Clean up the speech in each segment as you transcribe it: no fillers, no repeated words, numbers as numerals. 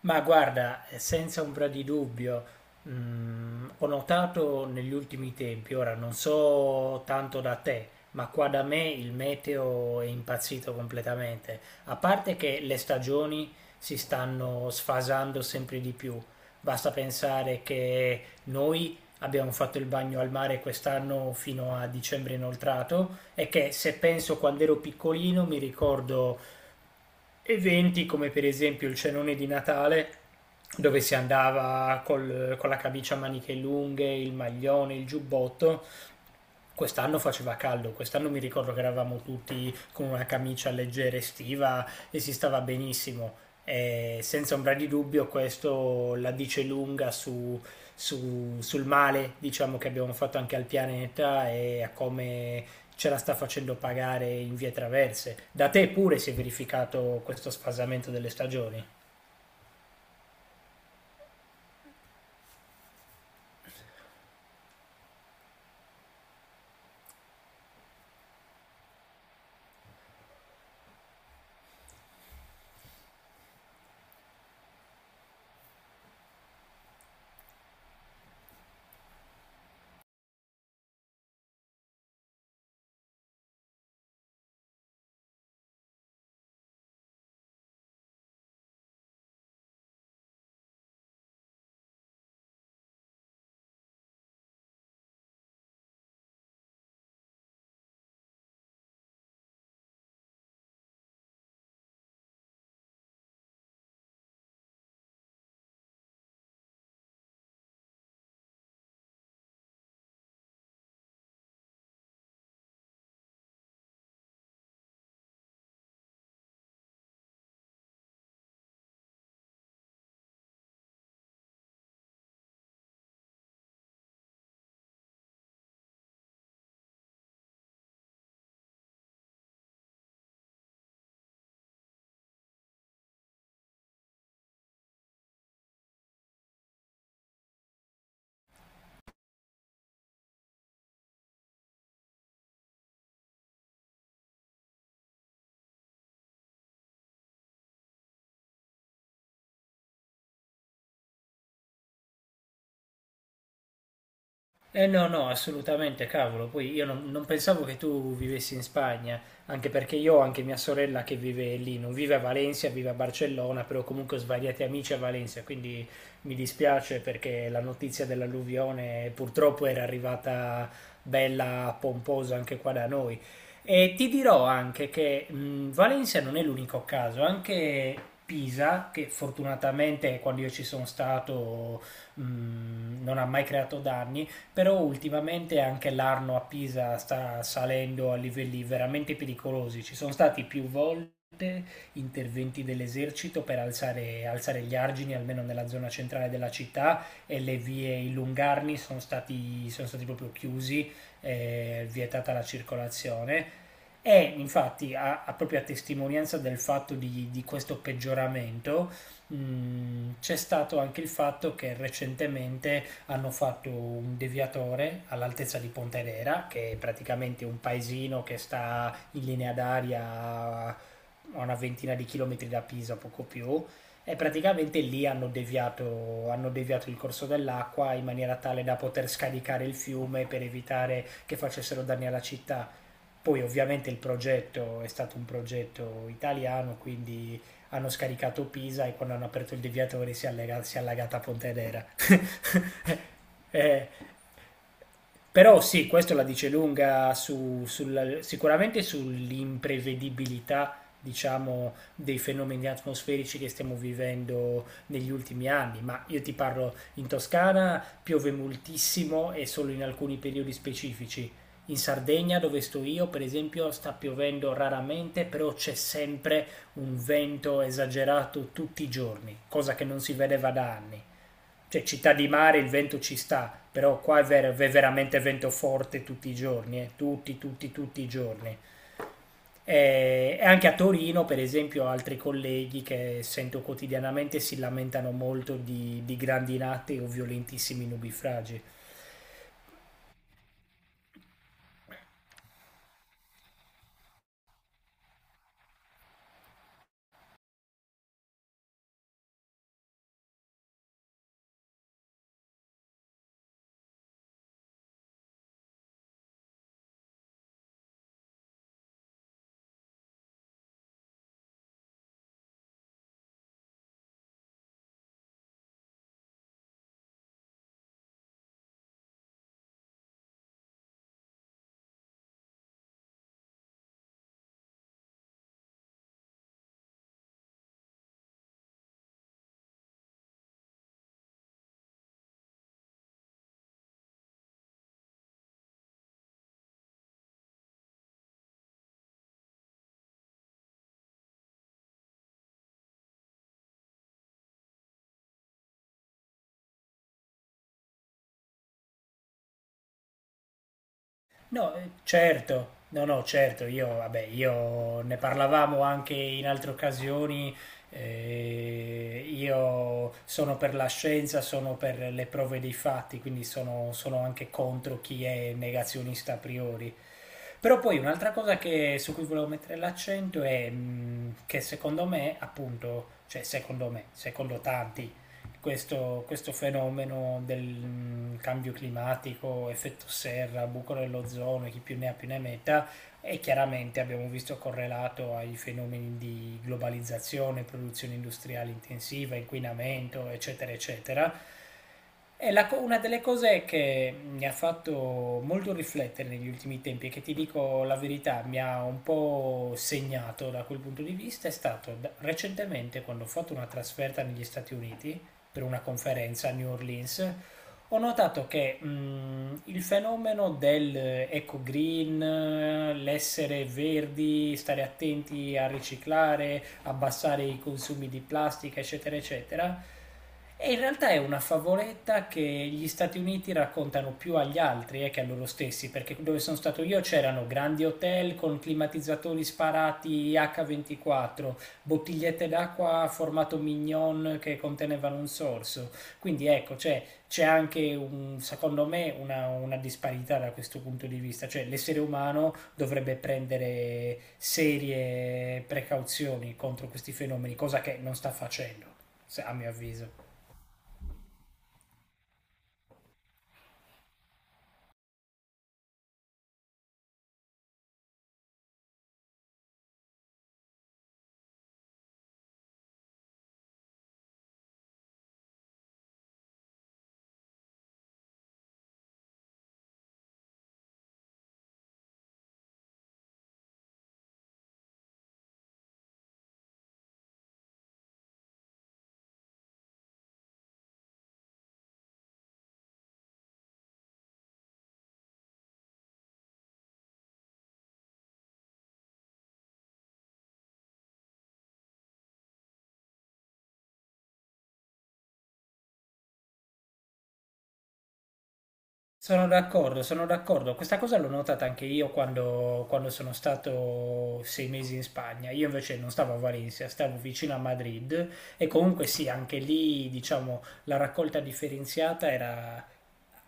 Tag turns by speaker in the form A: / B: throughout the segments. A: Ma guarda, senza ombra di dubbio, ho notato negli ultimi tempi, ora non so tanto da te, ma qua da me il meteo è impazzito completamente. A parte che le stagioni si stanno sfasando sempre di più. Basta pensare che noi abbiamo fatto il bagno al mare quest'anno fino a dicembre inoltrato e che se penso quando ero piccolino mi ricordo eventi come per esempio il cenone di Natale, dove si andava con la camicia a maniche lunghe, il maglione, il giubbotto. Quest'anno faceva caldo, quest'anno mi ricordo che eravamo tutti con una camicia leggera estiva e si stava benissimo. E senza ombra di dubbio questo la dice lunga sul male, diciamo, che abbiamo fatto anche al pianeta e a come ce la sta facendo pagare in vie traverse. Da te pure si è verificato questo sfasamento delle stagioni. Eh no, no, assolutamente, cavolo. Poi io non pensavo che tu vivessi in Spagna, anche perché io ho anche mia sorella che vive lì, non vive a Valencia, vive a Barcellona, però comunque ho svariati amici a Valencia, quindi mi dispiace perché la notizia dell'alluvione purtroppo era arrivata bella pomposa anche qua da noi. E ti dirò anche che Valencia non è l'unico caso, anche Pisa, che fortunatamente quando io ci sono stato non ha mai creato danni, però ultimamente anche l'Arno a Pisa sta salendo a livelli veramente pericolosi. Ci sono stati più volte interventi dell'esercito per alzare gli argini, almeno nella zona centrale della città, e le vie, i lungarni sono stati proprio chiusi, vietata la circolazione. E infatti, a, a proprio a testimonianza del fatto di questo peggioramento, c'è stato anche il fatto che recentemente hanno fatto un deviatore all'altezza di Pontedera, che è praticamente un paesino che sta in linea d'aria a una ventina di chilometri da Pisa, poco più, e praticamente lì hanno deviato il corso dell'acqua in maniera tale da poter scaricare il fiume per evitare che facessero danni alla città. Poi ovviamente il progetto è stato un progetto italiano, quindi hanno scaricato Pisa e quando hanno aperto il deviatore si è allagata Pontedera. Eh, Però sì, questo la dice lunga sicuramente sull'imprevedibilità, diciamo, dei fenomeni atmosferici che stiamo vivendo negli ultimi anni. Ma io ti parlo, in Toscana piove moltissimo e solo in alcuni periodi specifici. In Sardegna, dove sto io, per esempio, sta piovendo raramente, però c'è sempre un vento esagerato tutti i giorni, cosa che non si vedeva da anni. Cioè, città di mare il vento ci sta, però qua è veramente vento forte tutti i giorni, tutti, tutti, tutti i giorni. E anche a Torino, per esempio, altri colleghi che sento quotidianamente si lamentano molto di grandinate o violentissimi nubifragi. No, certo, no, no, certo, io, vabbè, io ne parlavamo anche in altre occasioni, io sono per la scienza, sono per le prove dei fatti, quindi sono anche contro chi è negazionista a priori. Però poi un'altra cosa su cui volevo mettere l'accento è che secondo me, appunto, cioè secondo me, secondo tanti, questo fenomeno del cambio climatico, effetto serra, buco dell'ozono, chi più ne ha più ne metta, e chiaramente abbiamo visto correlato ai fenomeni di globalizzazione, produzione industriale intensiva, inquinamento, eccetera, eccetera. E la una delle cose che mi ha fatto molto riflettere negli ultimi tempi e che, ti dico la verità, mi ha un po' segnato da quel punto di vista, è stato recentemente, quando ho fatto una trasferta negli Stati Uniti per una conferenza a New Orleans. Ho notato che il fenomeno del eco green, l'essere verdi, stare attenti a riciclare, abbassare i consumi di plastica, eccetera, eccetera, è in realtà è una favoletta che gli Stati Uniti raccontano più agli altri che a loro stessi, perché dove sono stato io c'erano grandi hotel con climatizzatori sparati H24, bottigliette d'acqua formato mignon che contenevano un sorso. Quindi ecco, cioè, c'è anche secondo me una disparità da questo punto di vista, cioè l'essere umano dovrebbe prendere serie precauzioni contro questi fenomeni, cosa che non sta facendo, a mio avviso. Sono d'accordo, sono d'accordo. Questa cosa l'ho notata anche io quando, sono stato 6 mesi in Spagna. Io invece non stavo a Valencia, stavo vicino a Madrid, e comunque sì, anche lì, diciamo, la raccolta differenziata era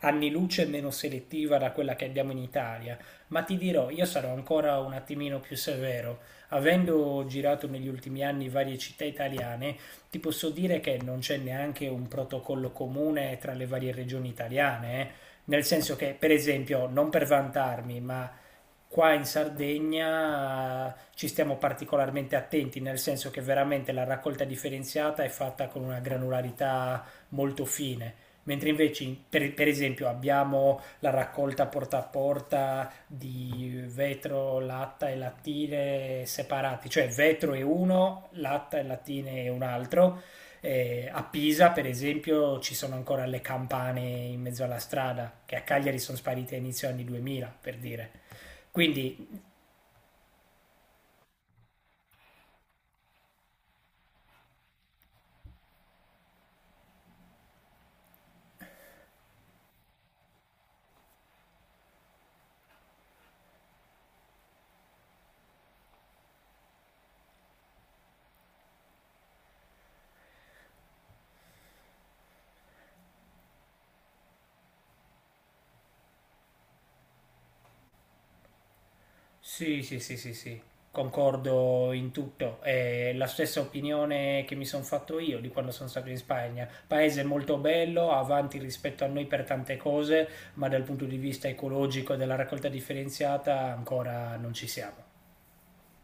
A: anni luce meno selettiva da quella che abbiamo in Italia. Ma ti dirò, io sarò ancora un attimino più severo. Avendo girato negli ultimi anni varie città italiane, ti posso dire che non c'è neanche un protocollo comune tra le varie regioni italiane. Eh. Nel senso che, per esempio, non per vantarmi, ma qua in Sardegna ci stiamo particolarmente attenti, nel senso che veramente la raccolta differenziata è fatta con una granularità molto fine. Mentre invece, per esempio, abbiamo la raccolta porta a porta di vetro, latta e lattine separati, cioè vetro è uno, latta e lattine è un altro, a Pisa, per esempio, ci sono ancora le campane in mezzo alla strada, che a Cagliari sono sparite a inizio anni 2000, per dire. Quindi, sì, sì, sì, sì, sì, concordo in tutto. È la stessa opinione che mi sono fatto io di quando sono stato in Spagna. Paese molto bello, avanti rispetto a noi per tante cose, ma dal punto di vista ecologico e della raccolta differenziata ancora non ci siamo.